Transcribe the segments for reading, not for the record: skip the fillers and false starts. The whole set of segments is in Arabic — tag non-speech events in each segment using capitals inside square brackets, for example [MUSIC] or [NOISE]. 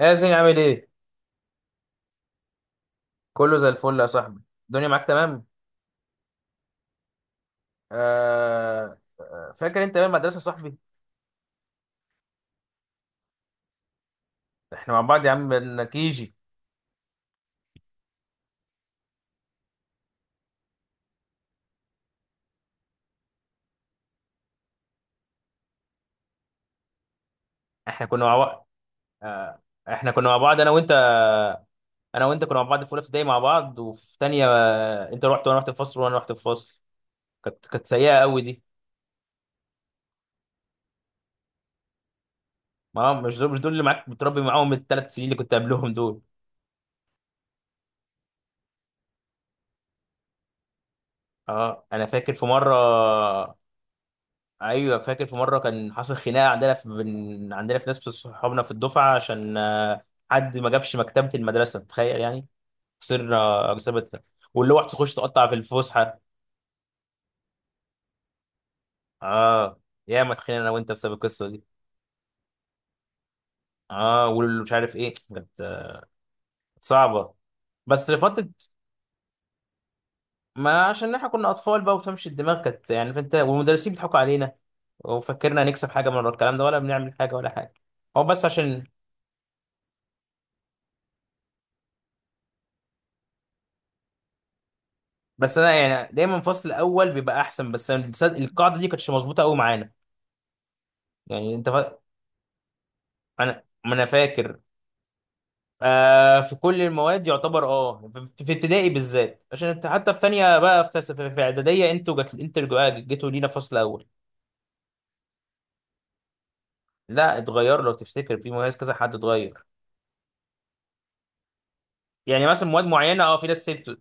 ياسين عامل ايه؟ كله زي الفل يا صاحبي، الدنيا معاك تمام؟ آه آه، فاكر انت ايام المدرسة يا صاحبي؟ احنا مع بعض يا عم من كيجي. احنا كنا مع بعض. آه. احنا كنا مع بعض انا وانت كنا مع بعض في اولى ابتدائي مع بعض، وفي تانية انت رحت وانا رحت الفصل. كانت سيئة قوي دي. ما مش دول مش دول اللي معاك بتربي معاهم الثلاث سنين اللي كنت قبلهم دول. اه، انا فاكر في مرة. ايوه فاكر في مره كان حصل خناقه عندنا، في بين عندنا في ناس في صحابنا في الدفعه، عشان حد ما جابش مكتبه المدرسه، تخيل يعني. خسرنا بسبب ده. واللوح تخش تقطع في الفسحه. اه يا ما اتخانقنا انا وانت بسبب القصه دي. اه، واللي مش عارف ايه، كانت صعبه. بس فتره، ما عشان احنا كنا اطفال بقى وتمشي الدماغ، كانت يعني فانت والمدرسين بيضحكوا علينا، وفكرنا هنكسب حاجه من ورا الكلام ده ولا بنعمل حاجه ولا حاجه. هو بس عشان. بس انا يعني دايما الفصل الاول بيبقى احسن، بس أنا تصدق القاعده دي كانتش مظبوطه قوي معانا. يعني انت فا... انا ما انا فاكر. آه، في كل المواد يعتبر، في ابتدائي بالذات، عشان انت حتى في تانية بقى في في اعداديه، جيتوا لينا فصل اول. لا اتغير، لو تفتكر في مميز كذا حد اتغير. يعني مثلا مواد معينه، في ناس سبتوا.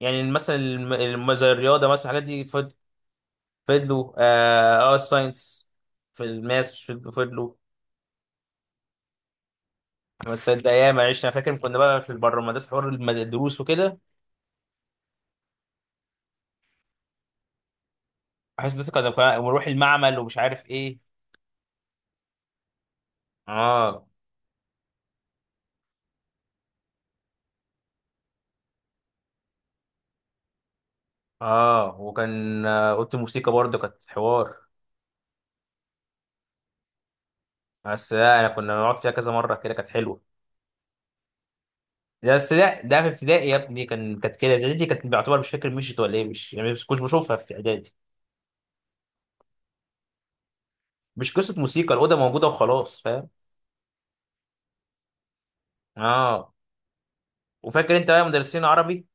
يعني مثلا زي الرياضه مثلا، الحاجات دي فضلوا، الساينس، في الماس فضلوا. بس ده ايام عشنا، فاكر كنا بقى في بره المدرسه حوار الدروس وكده. بحس لسه ونروح المعمل ومش عارف ايه. اه. اه، وكان اوضه الموسيقى برضه كانت حوار. بس لا، انا كنا بنقعد فيها كذا مره كده، كانت حلوه. بس لا، ده في ابتدائي يا ابني كان كانت كده، اعدادي كانت بعتبر مش فاكر مشيت ولا ايه، مش يعني مش كنت بشوفها في اعدادي. مش قصه موسيقى، الاوضه موجوده وخلاص، فاهم. اه، وفاكر انت بقى مدرسين عربي،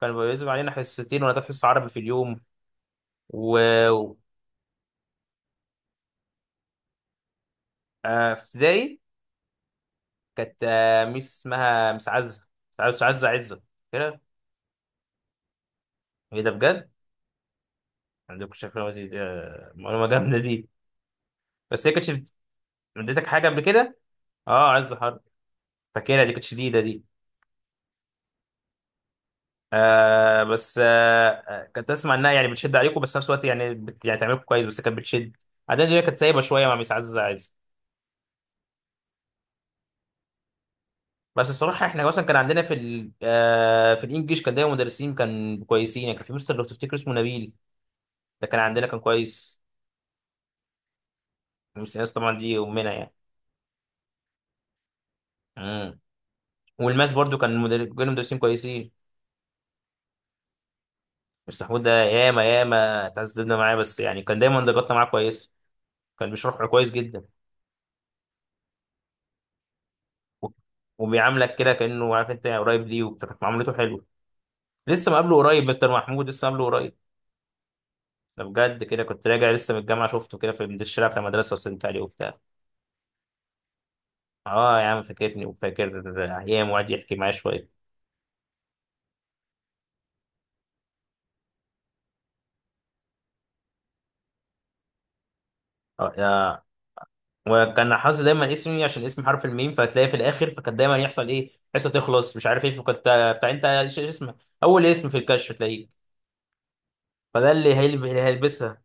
كانوا بيلزم علينا حصتين ولا تلات حصص عربي في اليوم. و آه، في ابتدائي كانت ميس اسمها ميس عزة، ميس عزة ميس عزة عزة كده. ايه ده، بجد؟ عندكم شكلها دي، معلومة جامدة دي. بس هي كانتش اديتك حاجة قبل كده. اه، عزة حرب. فاكرها دي، كانت شديدة دي. آه، بس كنت اسمع انها يعني بتشد عليكم، بس في نفس الوقت يعني يعني تعملكم كويس، بس كانت بتشد. بعدين دي كانت سايبة شوية مع ميس عزة عزة. بس الصراحة احنا مثلا كان عندنا في ال آه في الانجليش، كان دايما مدرسين كان كويسين، يعني كان في مستر لو تفتكر اسمه نبيل، ده كان عندنا، كان كويس. ميس انس طبعا دي امنا يعني. مم. والماس برضو كانوا مدرسين كويسين. مستر حمود ده ياما ياما اتعذبنا معاه، بس يعني كان دايما درجاتنا معاه كويس، كان بيشرح كويس جدا. و- وبيعاملك كده كأنه عارف انت قريب ليه، وكانت معاملته حلوه. لسه مقابله قريب، مستر محمود لسه مقابله قريب. ده بجد، كده كنت راجع لسه من الجامعه، شفته كده من الشارع بتاع المدرسه، وسلمت عليه وبتاع. اه يا عم، فاكرني وفاكر ايام، وقعد يحكي معايا شويه. آه، وكان حاطط دايما اسمي عشان اسم حرف الميم، فهتلاقيه في الاخر، فكان دايما يحصل ايه، حصه تخلص مش عارف ايه، فكنت بتاع انت ايش اسمك، اول اسم في الكشف تلاقيه، فده اللي هيلبسها.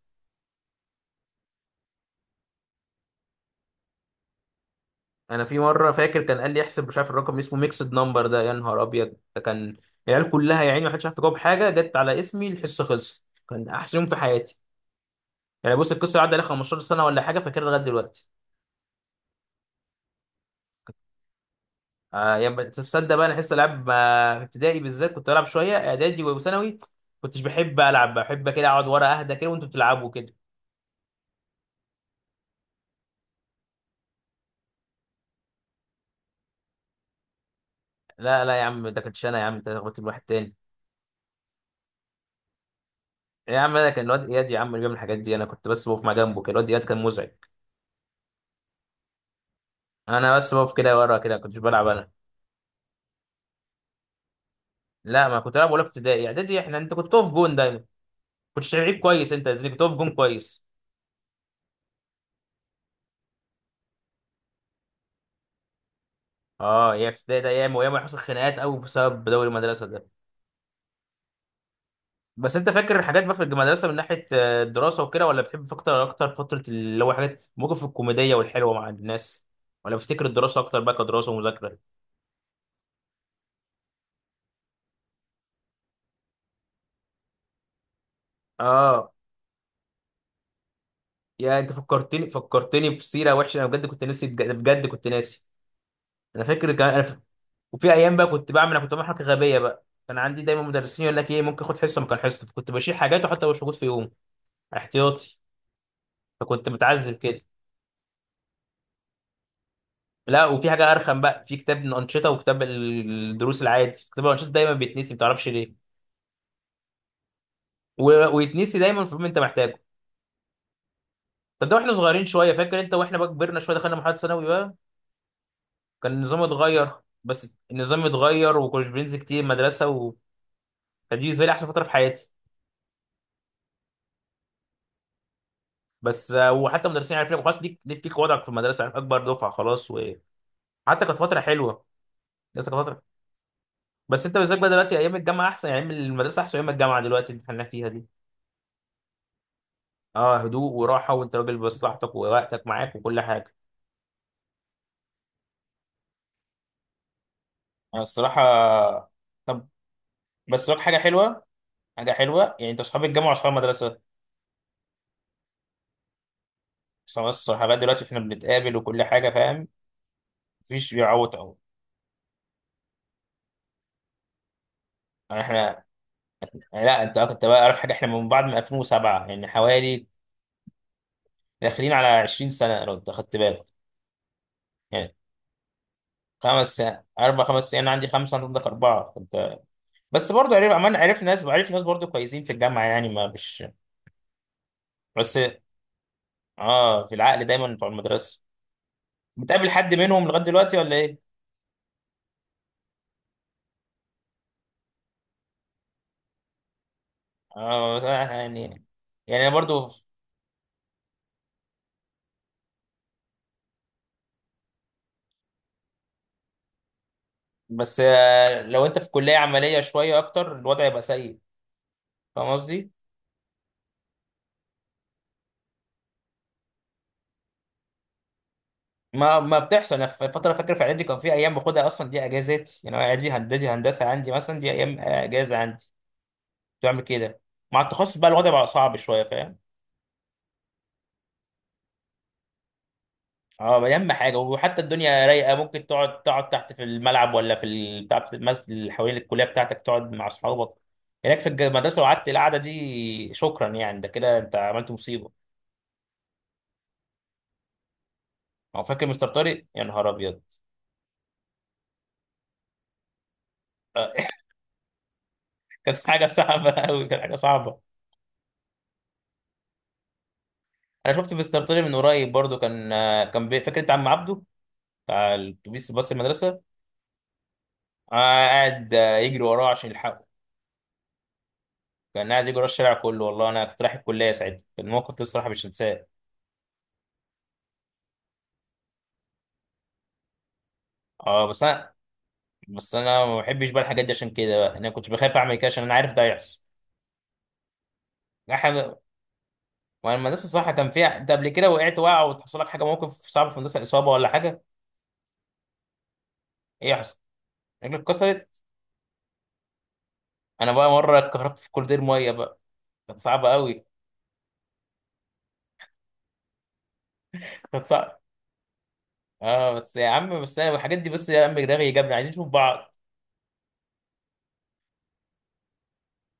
انا في مره فاكر كان قال لي احسب، مش عارف الرقم اسمه ميكسد نمبر ده، يا نهار ابيض، ده كان العيال كلها يا عيني ما حدش عارف يجاوب حاجه، جت على اسمي الحصه خلصت. كان احسن يوم في حياتي. يعني بص، القصه عدى عليها 15 سنه ولا حاجه، فاكرها لغايه دلوقتي. آه، تصدق بقى انا حصه العاب في ابتدائي بالذات كنت بلعب شويه، اعدادي وثانوي كنتش بحب العب، بحب كده اقعد ورا، اهدى كده وانتوا بتلعبوا كده. لا لا يا عم، ده كنتش انا، يا عم انت لخبطت الواحد تاني. يا عم، انا كان الواد اياد يا عم اللي بيعمل الحاجات دي، انا كنت بس بقف مع جنبه كده، الواد اياد كان مزعج. انا بس بقف كده ورا كده، كنتش بلعب انا. لا ما كنت العب ولا في ابتدائي. اعدادي انت كنت تقف جون دايما، كنتش لعيب كويس انت يا زميلي، كنت تقف جون كويس. اه، يا في ابتدائي ده ايام وايام حصل خناقات قوي بسبب دوري المدرسه ده. بس انت فاكر الحاجات بقى في المدرسه من ناحيه الدراسه وكده، ولا بتحب اكتر اكتر فتره اللي هو حاجات ممكن في الكوميديه والحلوه مع الناس، ولا بتفتكر الدراسه اكتر بقى كدراسه ومذاكره؟ اه يا انت فكرتني فكرتني بسيره وحشه، انا بجد كنت ناسي، بجد بجد كنت ناسي. انا فاكر كمان انا ف... وفي ايام بقى كنت بعمل حاجه غبيه بقى، كان عندي دايما مدرسين يقول لك ايه، ممكن اخد حصه مكان حصه، فكنت بشيل حاجات، وحتى مش موجود في يوم احتياطي، فكنت متعذب كده. لا وفي حاجه ارخم بقى، في كتاب الانشطه وكتاب الدروس العادي، كتاب الانشطه دايما بيتنسي، ما تعرفش ليه. ويتنسي دايما في ما انت محتاجه. طب ده واحنا صغيرين شويه، فاكر انت واحنا بقى كبرنا شويه، دخلنا مرحله ثانوي بقى، كان النظام اتغير. بس النظام اتغير وكناش بننزل كتير مدرسه، وكانت دي بالنسبه لي احسن فتره في حياتي. بس وحتى المدرسين عارفين لك خلاص، ليك وضعك في المدرسه، عارف اكبر دفعه خلاص، وحتى كانت فتره حلوه، لسه كانت فتره. بس انت بالذات بقى دلوقتي ايام الجامعه احسن، يعني ايام المدرسه احسن ايام الجامعه دلوقتي اللي احنا فيها دي. اه، هدوء وراحه وانت راجل بمصلحتك ووقتك معاك وكل حاجه. انا الصراحه... طب، بس لك حاجه حلوه. حاجه حلوه يعني، انت اصحاب الجامعه واصحاب المدرسه. بس لغايه دلوقتي احنا بنتقابل وكل حاجه، فاهم، مفيش بيعوض اهو. يعني احنا... يعني لا، انت كنت بقى اقرب حاجه، احنا من بعض من 2007 يعني، حوالي داخلين على 20 سنه لو انت خدت بالك. يعني خمس سنين، اربع خمس سنين، انا عندي خمسه انت عندك اربعه فانت. بس برضه، عمال عرف ناس، برضه كويسين في الجامعه، يعني ما مش. بس اه، في العقل دايما بتوع المدرسه، بتقابل حد منهم لغاية دلوقتي ولا ايه؟ اه يعني. يعني انا برضو. بس لو انت في كلية عملية شوية اكتر الوضع يبقى سيء، فاهم قصدي؟ ما بتحصل، انا في فترة فاكر في اعدادي كان في ايام باخدها اصلا دي اجازات، يعني أنا اعدادي هندسة هندسة عندي مثلا دي ايام اجازة عندي، كنت بعمل كده. مع التخصص بقى الوضع بقى صعب شوية، فاهم؟ اه، اهم حاجه وحتى الدنيا رايقه، ممكن تقعد تحت في الملعب، ولا بتاع في المسجد اللي حوالين الكليه بتاعتك، تقعد مع اصحابك هناك في المدرسه، وقعدت القعده دي، شكرا يعني، ده كده انت عملت مصيبه. هو فاكر مستر طارق، يا نهار ابيض. آه. [LAUGHS] كانت حاجه صعبه قوي، كانت حاجه صعبه. انا شفت مستر طارق من قريب برضو، كان فاكر انت عم عبده بتاع الاتوبيس، باص المدرسه. قاعد يجري وراه عشان يلحقه، كان قاعد يجري ورا الشارع كله والله، انا كنت رايح الكليه ساعتها، كان موقف ده الصراحه مش هنساه. اه بس انا. بس انا ما بحبش بقى الحاجات دي، عشان كده بقى انا كنت بخاف اعمل كده، عشان انا عارف ده هيحصل. احنا... وانا المدرسه الصراحه كان فيها انت قبل كده وقعت، وقع وتحصل لك حاجه، موقف صعب في المدرسه، اصابه ولا حاجه؟ ايه يحصل؟ رجلك اتكسرت. انا بقى مره اتكهربت في كولدير ميه بقى، كانت صعبه قوي، كانت صعبه. اه بس يا عم، بس انا الحاجات دي، بس يا عم دماغي جابنا عايزين نشوف بعض.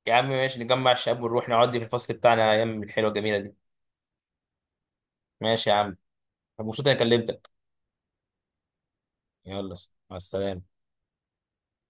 يا عم ماشي، نجمع الشباب ونروح نقعد في الفصل بتاعنا ايام الحلوه الجميله دي. ماشي يا عم. أنا مبسوط اني كلمتك. يلا، مع السلامه.